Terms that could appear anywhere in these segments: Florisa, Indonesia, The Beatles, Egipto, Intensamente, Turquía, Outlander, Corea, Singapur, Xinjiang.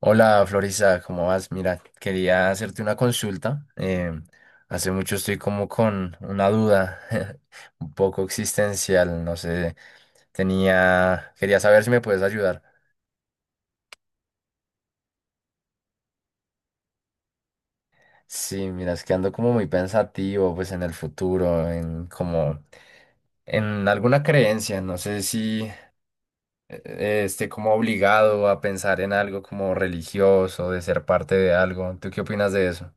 Hola Florisa, ¿cómo vas? Mira, quería hacerte una consulta. Hace mucho estoy como con una duda un poco existencial, no sé, quería saber si me puedes ayudar. Sí, mira, es que ando como muy pensativo, pues en el futuro, en en alguna creencia, no sé si esté como obligado a pensar en algo como religioso, de ser parte de algo. ¿Tú qué opinas de eso?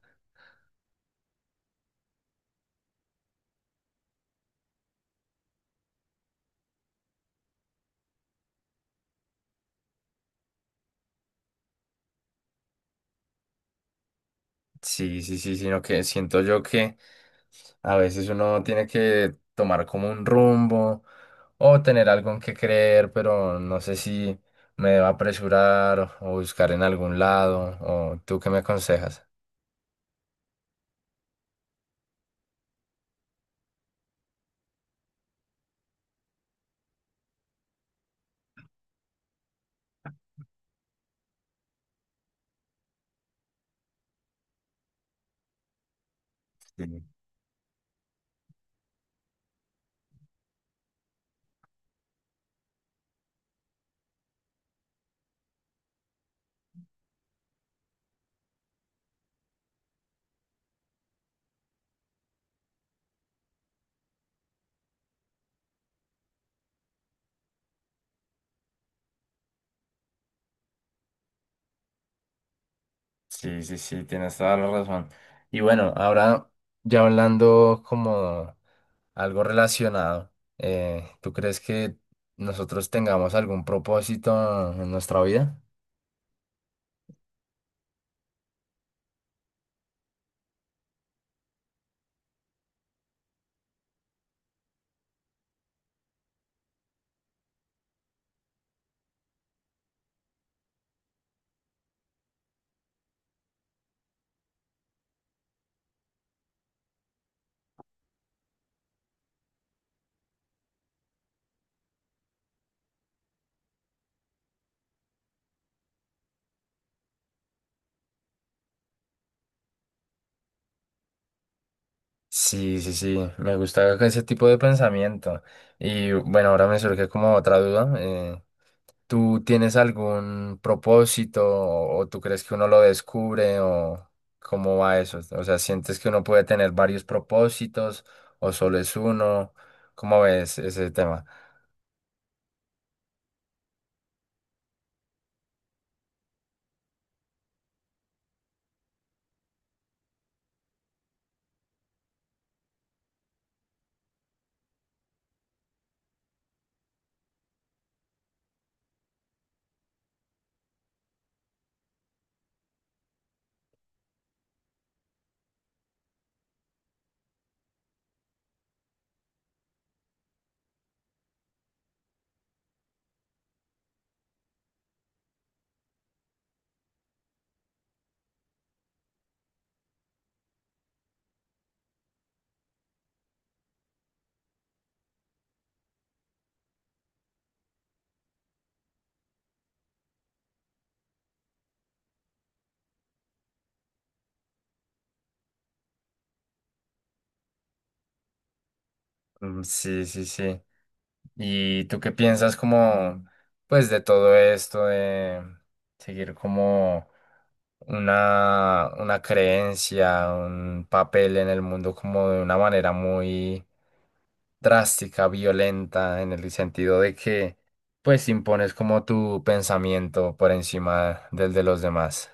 Sí, sí, sí, sino que siento yo que a veces uno tiene que tomar como un rumbo o tener algo en que creer, pero no sé si me debo apresurar o buscar en algún lado, o tú qué me aconsejas. Sí, sí, sí, sí, tienes toda la razón. Y bueno, ahora ya hablando como algo relacionado, ¿tú crees que nosotros tengamos algún propósito en nuestra vida? Sí, sí, sí, me gusta ese tipo de pensamiento. Y bueno, ahora me surge como otra duda. ¿Tú tienes algún propósito o tú crees que uno lo descubre o cómo va eso? O sea, ¿sientes que uno puede tener varios propósitos o solo es uno? ¿Cómo ves ese tema? Mm, sí, sí, sí. ¿Y tú qué piensas como, pues, de todo esto, de seguir como una creencia, un papel en el mundo como de una manera muy drástica, violenta, en el sentido de que pues impones como tu pensamiento por encima del de los demás.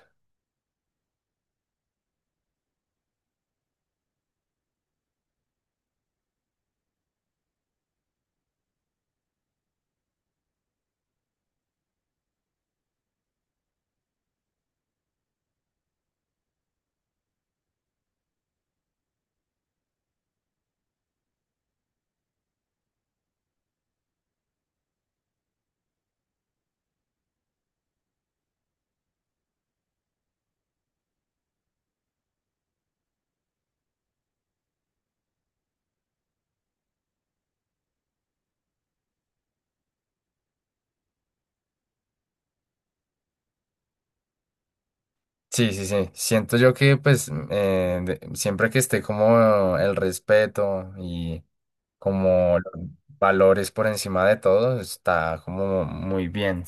Sí, sí, sí. Siento yo que pues de- siempre que esté como el respeto y como los valores por encima de todo, está como muy bien.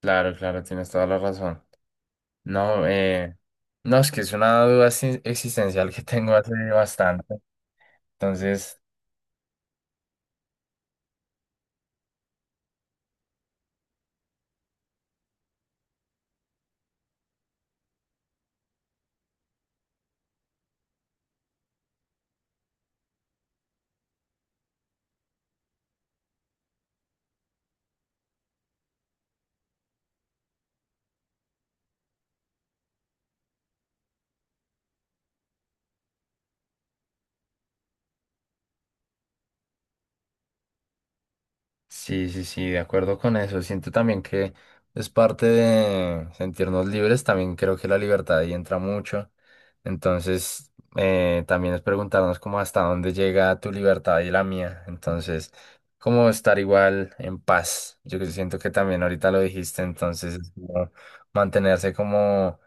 Claro, claro, tienes toda la razón. No, no, es que es una duda exi- existencial que tengo hace bastante. Entonces, sí, sí, sí, de acuerdo con eso. Siento también que es parte de sentirnos libres. También creo que la libertad ahí entra mucho. Entonces, también es preguntarnos como hasta dónde llega tu libertad y la mía. Entonces, cómo estar igual en paz. Yo que siento que también ahorita lo dijiste. Entonces, es como mantenerse como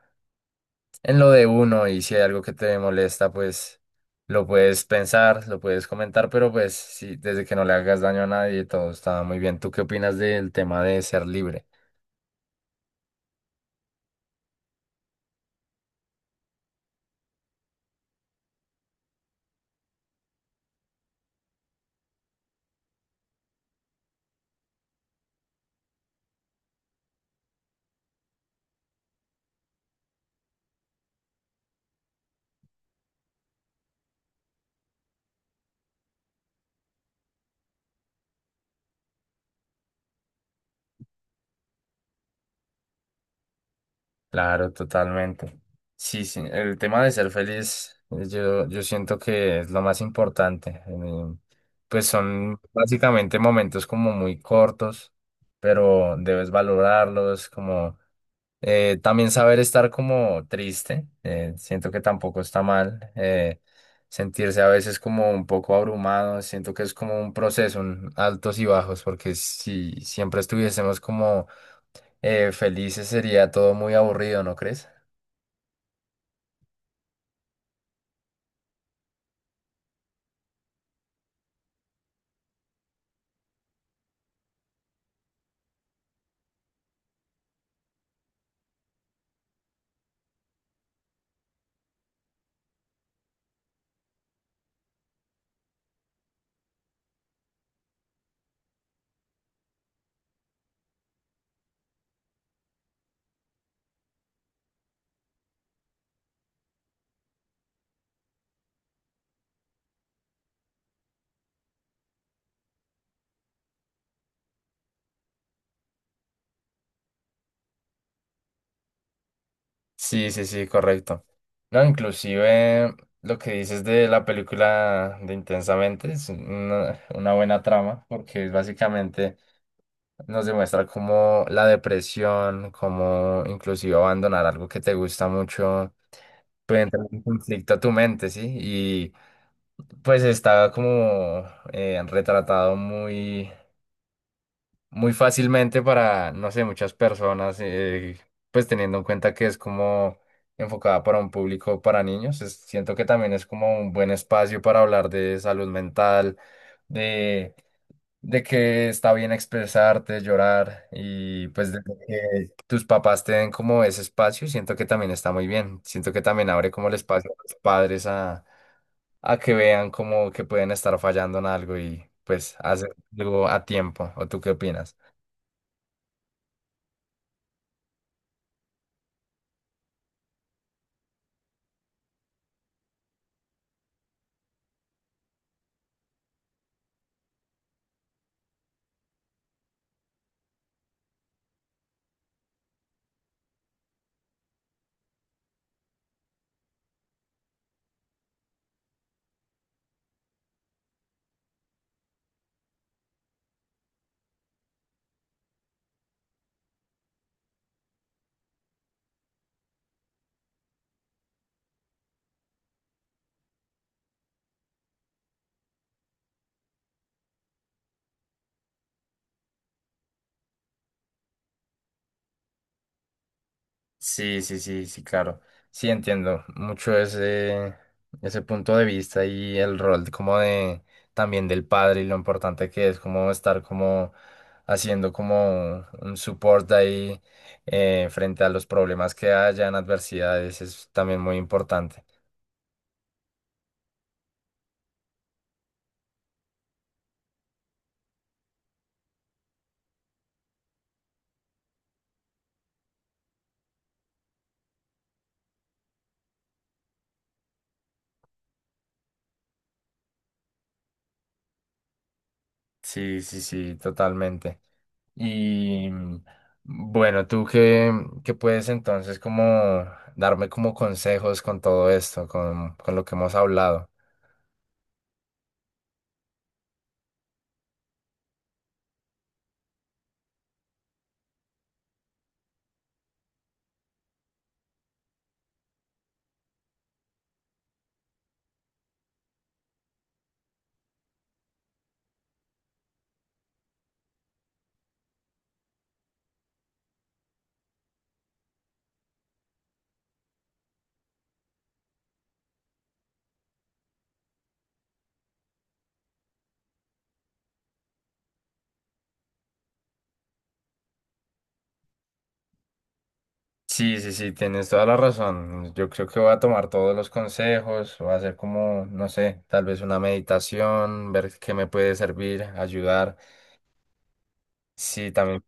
en lo de uno y si hay algo que te molesta, pues lo puedes pensar, lo puedes comentar, pero pues sí, desde que no le hagas daño a nadie, todo está muy bien. ¿Tú qué opinas del tema de ser libre? Claro, totalmente. Sí, sí, el tema de ser feliz, yo, yo siento que es lo más importante. Pues son básicamente momentos como muy cortos, pero debes valorarlos como... también saber estar como triste, siento que tampoco está mal. Sentirse a veces como un poco abrumado, siento que es como un proceso, un altos y bajos, porque si siempre estuviésemos como felices sería todo muy aburrido, ¿no crees? Sí, sí, sí, correcto. No, inclusive lo que dices de la película de Intensamente es una buena trama, porque es básicamente nos demuestra cómo la depresión, cómo inclusive abandonar algo que te gusta mucho, puede entrar en conflicto a tu mente, ¿sí? Y pues está como retratado muy, muy fácilmente para, no sé, muchas personas, pues teniendo en cuenta que es como enfocada para un público para niños, es- siento que también es como un buen espacio para hablar de salud mental, de que está bien expresarte, llorar y pues de que tus papás te den como ese espacio, siento que también está muy bien. Siento que también abre como el espacio a los padres a que vean como que pueden estar fallando en algo y pues hacer algo a tiempo. ¿O tú qué opinas? Sí, sí, sí, sí, claro. Sí, entiendo mucho ese, ese punto de vista y el rol de- como de también del padre y lo importante que es como estar como haciendo como un support ahí frente a los problemas que hayan, adversidades, es también muy importante. Sí, sí, sí, totalmente. Y mm, bueno, tú qué, qué puedes entonces como darme como consejos con todo esto, con lo que hemos hablado. Sí, sí, sí, tienes toda la razón. Yo creo que voy a tomar todos los consejos, voy a hacer como, no sé, tal vez una meditación, ver qué me puede servir, ayudar. Sí, también,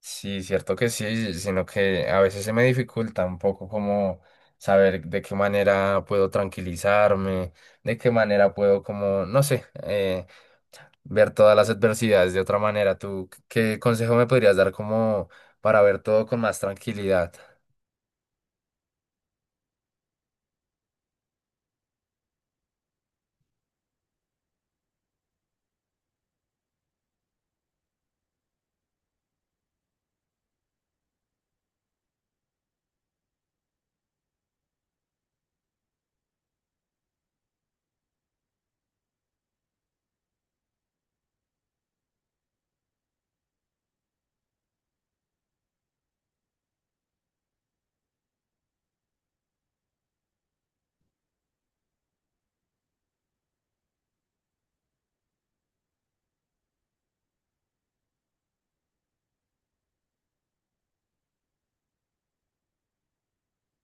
sí, cierto que sí, sino que a veces se me dificulta un poco como saber de qué manera puedo tranquilizarme, de qué manera puedo como, no sé, ver todas las adversidades de otra manera. ¿Tú qué consejo me podrías dar como para ver todo con más tranquilidad?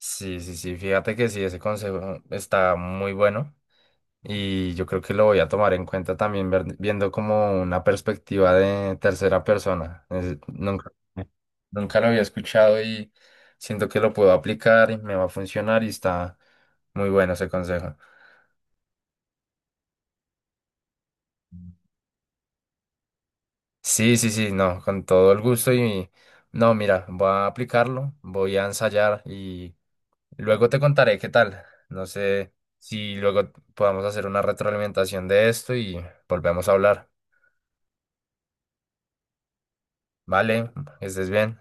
Sí, sí, sí, fíjate que sí, ese consejo está muy bueno y yo creo que lo voy a tomar en cuenta también ver- viendo como una perspectiva de tercera persona. Es- nunca, nunca lo había escuchado y siento que lo puedo aplicar y me va a funcionar y está muy bueno ese consejo. Sí, sí, sí, no, con todo el gusto y no, mira, voy a aplicarlo, voy a ensayar y luego te contaré qué tal. No sé si luego podamos hacer una retroalimentación de esto y volvemos a hablar. Vale, que estés bien.